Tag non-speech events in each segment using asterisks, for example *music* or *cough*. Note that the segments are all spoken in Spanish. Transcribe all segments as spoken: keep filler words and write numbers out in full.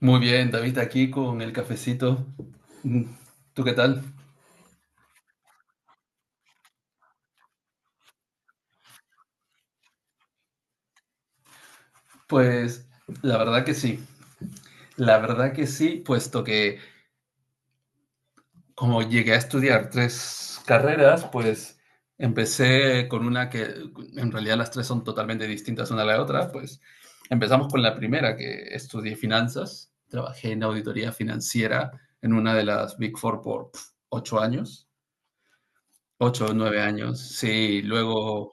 Muy bien, David, aquí con el cafecito. Mm. ¿Tú qué tal? Pues la verdad que sí, la verdad que sí, puesto que como llegué a estudiar tres carreras, pues empecé con una que en realidad las tres son totalmente distintas una a la otra. Pues empezamos con la primera, que estudié finanzas, trabajé en auditoría financiera en una de las Big Four por pf, ocho años, ocho o nueve años, sí, luego...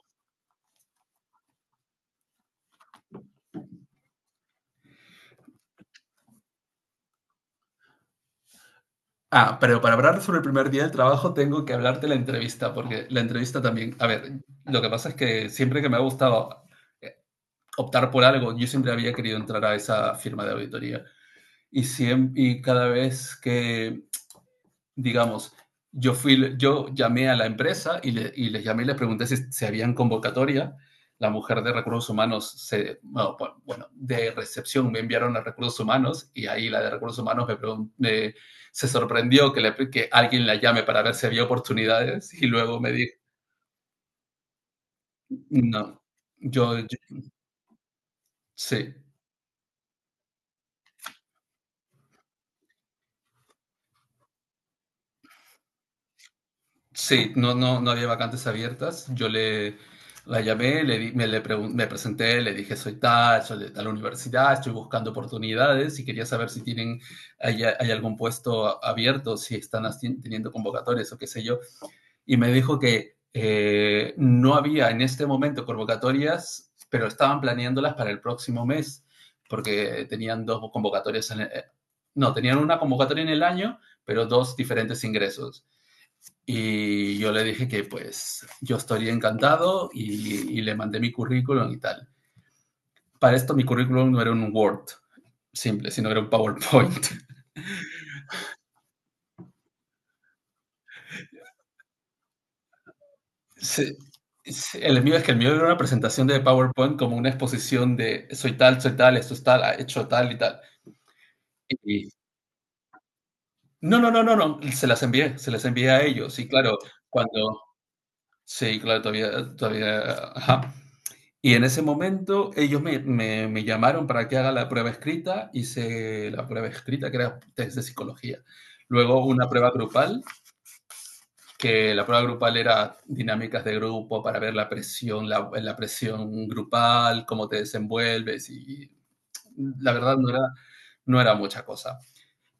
Ah, pero para hablar sobre el primer día del trabajo tengo que hablarte la entrevista, porque la entrevista también, a ver, lo que pasa es que siempre que me ha gustado eh, optar por algo, yo siempre había querido entrar a esa firma de auditoría y, siem- y cada vez que digamos, yo, fui, yo llamé a la empresa y, le, y les llamé y les pregunté si, si habían convocatoria. La mujer de recursos humanos, se, bueno, bueno, de recepción me enviaron a recursos humanos y ahí la de recursos humanos me, preguntó, me se sorprendió que, le, que, alguien la llame para ver si había oportunidades, y luego me dijo, no, yo, yo sí. Sí, no, no, no había vacantes abiertas. Yo le la llamé, le di- me, le pregun- me presenté, le dije, soy tal, soy de tal universidad, estoy buscando oportunidades y quería saber si tienen, hay, hay algún puesto a- abierto, si están haci- teniendo convocatorias o qué sé yo. Y me dijo que eh, no había en este momento convocatorias, pero estaban planeándolas para el próximo mes, porque tenían dos convocatorias en el- eh, no, tenían una convocatoria en el año, pero dos diferentes ingresos. Y yo le dije que pues yo estaría encantado y, y le mandé mi currículum y tal. Para esto mi currículum no era un Word simple, sino era un PowerPoint. *laughs* Sí, sí, el mío es que el mío era una presentación de PowerPoint como una exposición de soy tal, soy tal, esto es tal, ha hecho tal y tal. Y no, no, no, no, no, se las envié, se las envié a ellos. Y claro, cuando, sí, claro, todavía, todavía, ajá. Y en ese momento ellos me, me- me llamaron para que haga la prueba escrita, hice la prueba escrita que era test de psicología. Luego una prueba grupal, que la prueba grupal era dinámicas de grupo para ver la presión, la, la presión grupal, cómo te desenvuelves y la verdad no era, no era mucha cosa.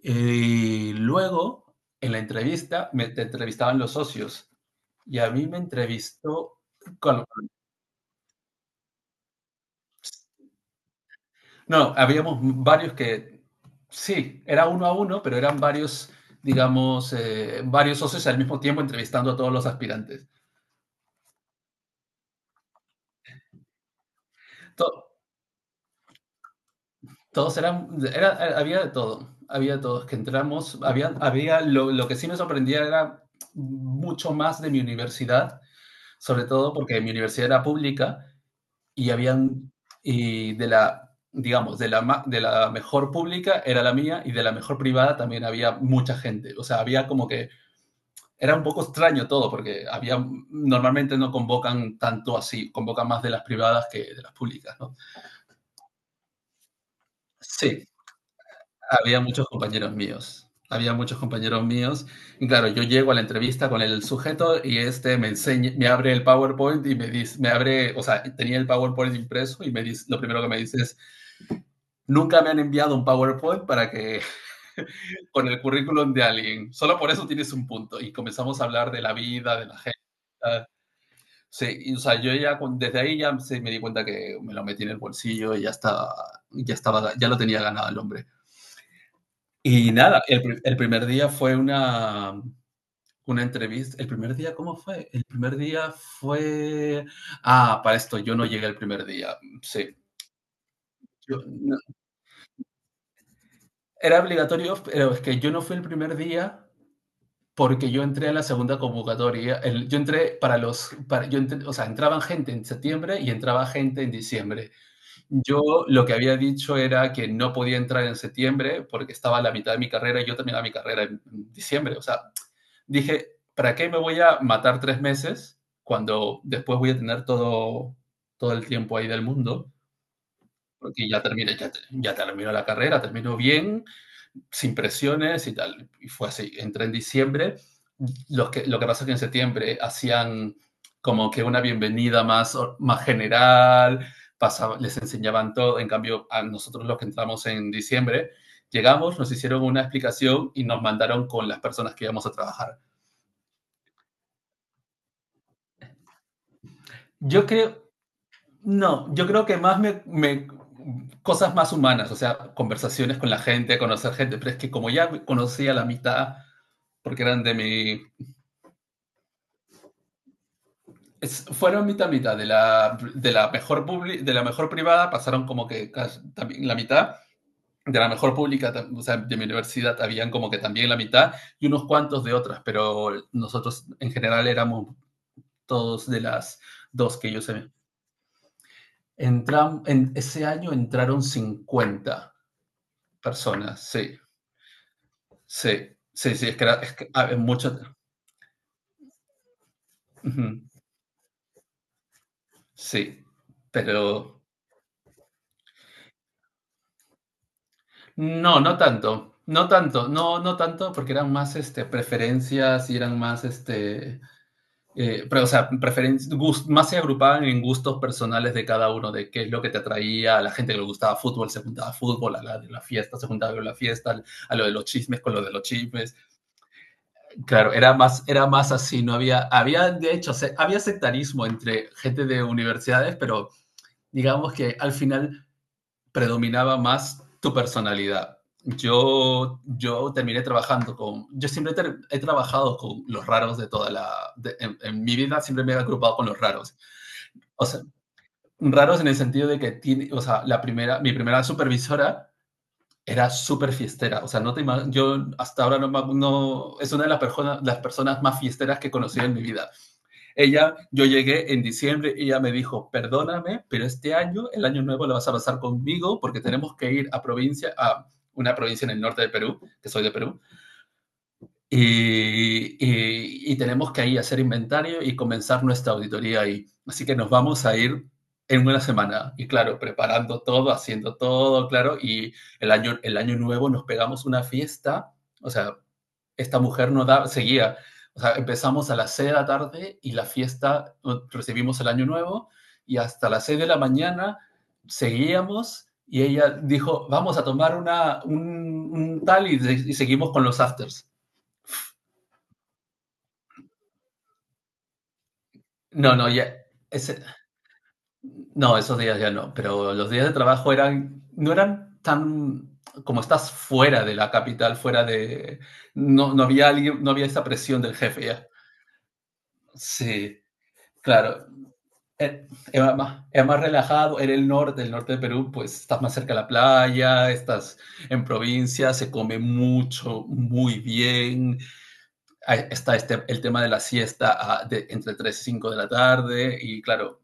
Y luego en la entrevista me te entrevistaban los socios y a mí me entrevistó... No, habíamos varios que, sí, era uno a uno, pero eran varios, digamos, eh, varios socios al mismo tiempo entrevistando a todos los aspirantes. To- Todos eran, era, había de todo, había de todos que entramos, había, había lo, lo que sí me sorprendía era mucho más de mi universidad, sobre todo porque mi universidad era pública y habían, y de la, digamos, de la, ma- de la mejor pública era la mía y de la mejor privada también había mucha gente. O sea, había como que era un poco extraño todo, porque había, normalmente no convocan tanto así, convocan más de las privadas que de las públicas, ¿no? Sí, había muchos compañeros míos, había muchos compañeros míos, y claro, yo llego a la entrevista con el sujeto y este me enseña, me abre el PowerPoint y me dice, me abre, o sea, tenía el PowerPoint impreso y me dice, lo primero que me dice es, nunca me han enviado un PowerPoint para que... *laughs* con el currículum de alguien, solo por eso tienes un punto, y comenzamos a hablar de la vida, de la gente. Sí, y, o sea, yo ya con- desde ahí ya se me di cuenta que me lo metí en el bolsillo y ya estaba, ya estaba, ya lo tenía ganado el hombre. Y nada, el, pri- el primer día fue una, una entrevista. ¿El primer día cómo fue? El primer día fue... Ah, para esto, yo no llegué el primer día. Sí. Yo- no- Era obligatorio, pero es que yo no fui el primer día porque yo entré en la segunda convocatoria. El- yo entré para los... Para, yo entré- o sea, entraban gente en septiembre y entraba gente en diciembre. Yo lo que había dicho era que no podía entrar en septiembre porque estaba a la mitad de mi carrera y yo terminaba mi carrera en diciembre. O sea, dije, ¿para qué me voy a matar tres meses cuando después voy a tener todo, todo el tiempo ahí del mundo? Porque ya terminé, ya, ya terminó la carrera, terminó bien, sin presiones y tal. Y fue así. Entré en diciembre. Los que, lo que pasa es que en septiembre hacían como que una bienvenida más, más general, pasaba, les enseñaban todo. En cambio, a nosotros los que entramos en diciembre, llegamos, nos hicieron una explicación y nos mandaron con las personas que íbamos a trabajar. Yo creo, no, yo creo que más me, me cosas más humanas, o sea, conversaciones con la gente, conocer gente, pero es que como ya conocía la mitad, porque eran de mi, Es- fueron mitad mitad de la, de la, mejor publi- de la mejor privada pasaron como que casi también la mitad de la mejor pública tam- o sea, de mi universidad habían como que también la mitad y unos cuantos de otras, pero nosotros en general éramos todos de las dos que yo sé. Entram En ese año entraron cincuenta personas. Sí, sí, sí, sí, es que, era, es que, ah, mucho. Ujú, sí. pero No, no tanto, no tanto, no, no tanto, porque eran más este, preferencias y eran más, este, eh, pero, o sea, preferen- gus- más se agrupaban en gustos personales de cada uno, de qué es lo que te atraía. A la gente que le gustaba fútbol se juntaba fútbol, a la de la fiesta se juntaba con la fiesta, a lo de los chismes con lo de los chismes. Claro, era más, era más así. No había, había, de hecho, se- había sectarismo entre gente de universidades, pero digamos que al final predominaba más tu personalidad. Yo, yo terminé trabajando con, yo siempre he, he trabajado con los raros de toda la, de, en, en, mi vida siempre me he agrupado con los raros. O sea, raros en el sentido de que tiene, o sea, la primera, mi primera supervisora era súper fiestera, o sea, no te yo hasta ahora no, no, es una de las personas, las personas más fiesteras que he conocido en mi vida. Ella, yo llegué en diciembre y ella me dijo, perdóname, pero este año, el año nuevo, lo vas a pasar conmigo porque tenemos que ir a provincia, a una provincia en el norte de Perú, que soy de Perú, y, y, y tenemos que ir a hacer inventario y comenzar nuestra auditoría ahí. Así que nos vamos a ir en una semana. Y claro, preparando todo, haciendo todo, claro, y el año, el año nuevo nos pegamos una fiesta, o sea, esta mujer no da, seguía. O sea, empezamos a las seis de la tarde y la fiesta, recibimos el año nuevo y hasta las seis de la mañana seguíamos y ella dijo, vamos a tomar una, un, un tal y, y, seguimos con los afters. No, no, ya, ese, no, esos días ya no, pero los días de trabajo eran, no eran tan, como estás fuera de la capital, fuera de, no, no había alguien, no había esa presión del jefe ya. Sí, claro, eh, era más, era más relajado, era el norte, el norte de Perú, pues estás más cerca de la playa, estás en provincia, se come mucho, muy bien. Ahí está este, el tema de la siesta, ah, de, entre tres y cinco de la tarde, y claro,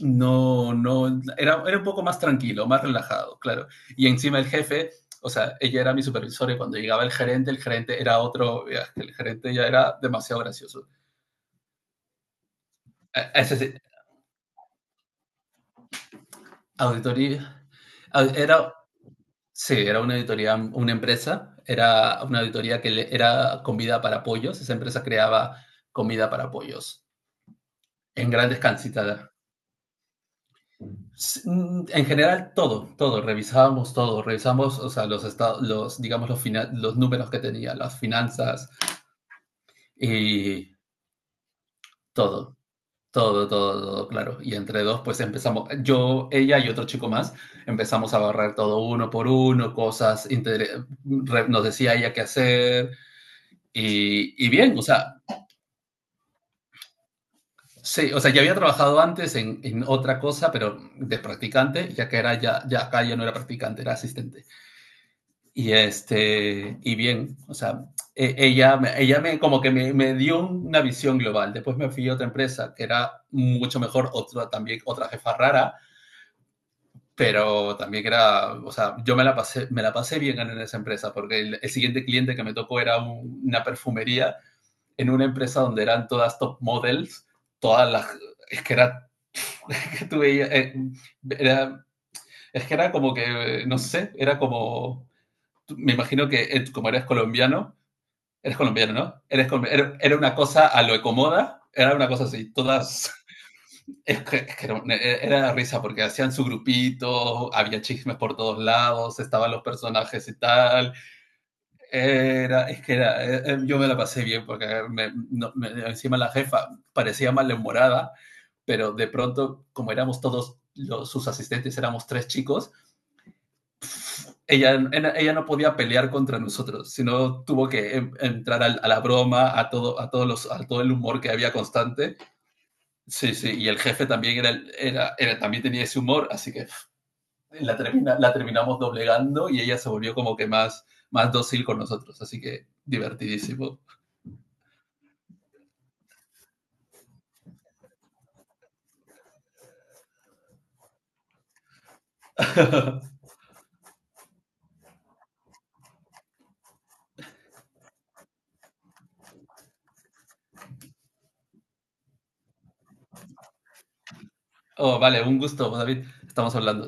no, no, era, era un poco más tranquilo, más relajado, claro. Y encima el jefe, o sea, ella era mi supervisora y cuando llegaba el gerente, el gerente era otro, ya, el gerente ya era demasiado gracioso. Eh, Es decir, auditoría, au- era... Sí, era una auditoría, una empresa, era una auditoría que le- era comida para pollos, esa empresa creaba comida para pollos en grandes cantidades. S- mm, En general, todo, todo, revisábamos todo, revisábamos, o sea, los estados, los, digamos, los, fina- los números que tenía, las finanzas y todo, todo, todo, todo, claro. Y entre dos, pues empezamos, yo, ella y otro chico más, empezamos a barrer todo uno por uno, cosas, inter- re- nos decía ella qué hacer. Y, y bien, o sea, sí, o sea, ya había trabajado antes en, en otra cosa, pero de practicante, ya que era ya, ya acá ya no era practicante, era asistente. Y este, y bien, o sea, e- ella, ella me como que me, me dio una visión global. Después me fui a otra empresa que era mucho mejor, otra también, otra jefa rara, pero también que era, o sea, yo me la pasé, me la pasé bien en esa empresa porque el, el siguiente cliente que me tocó era un- una perfumería en una empresa donde eran todas top models, todas las... Es que era, *laughs* es que tú veías, eh, era, es que era como que, no sé, era como, me imagino que eh, como eres colombiano, eres colombiano, ¿no? Eres... era una cosa a lo ecomoda, era una cosa así, todas, es que, es que era, era la risa porque hacían su grupito, había chismes por todos lados, estaban los personajes y tal. Era, es que era, eh, eh, yo me la pasé bien porque eh, me- no- me- encima la jefa parecía malhumorada, pero de pronto, como éramos todos los- sus asistentes, éramos tres chicos, ella, ena- ella no podía pelear contra nosotros, sino tuvo que em- entrar al- a, la broma, a todo, a todos los, a todo el humor que había constante. Sí, sí, y el jefe también era, el- era, era- también tenía ese humor, así que la, termina- la terminamos doblegando y ella se volvió como que más, más dócil con nosotros, así que divertidísimo. Oh, vale, un gusto, David. Estamos hablando.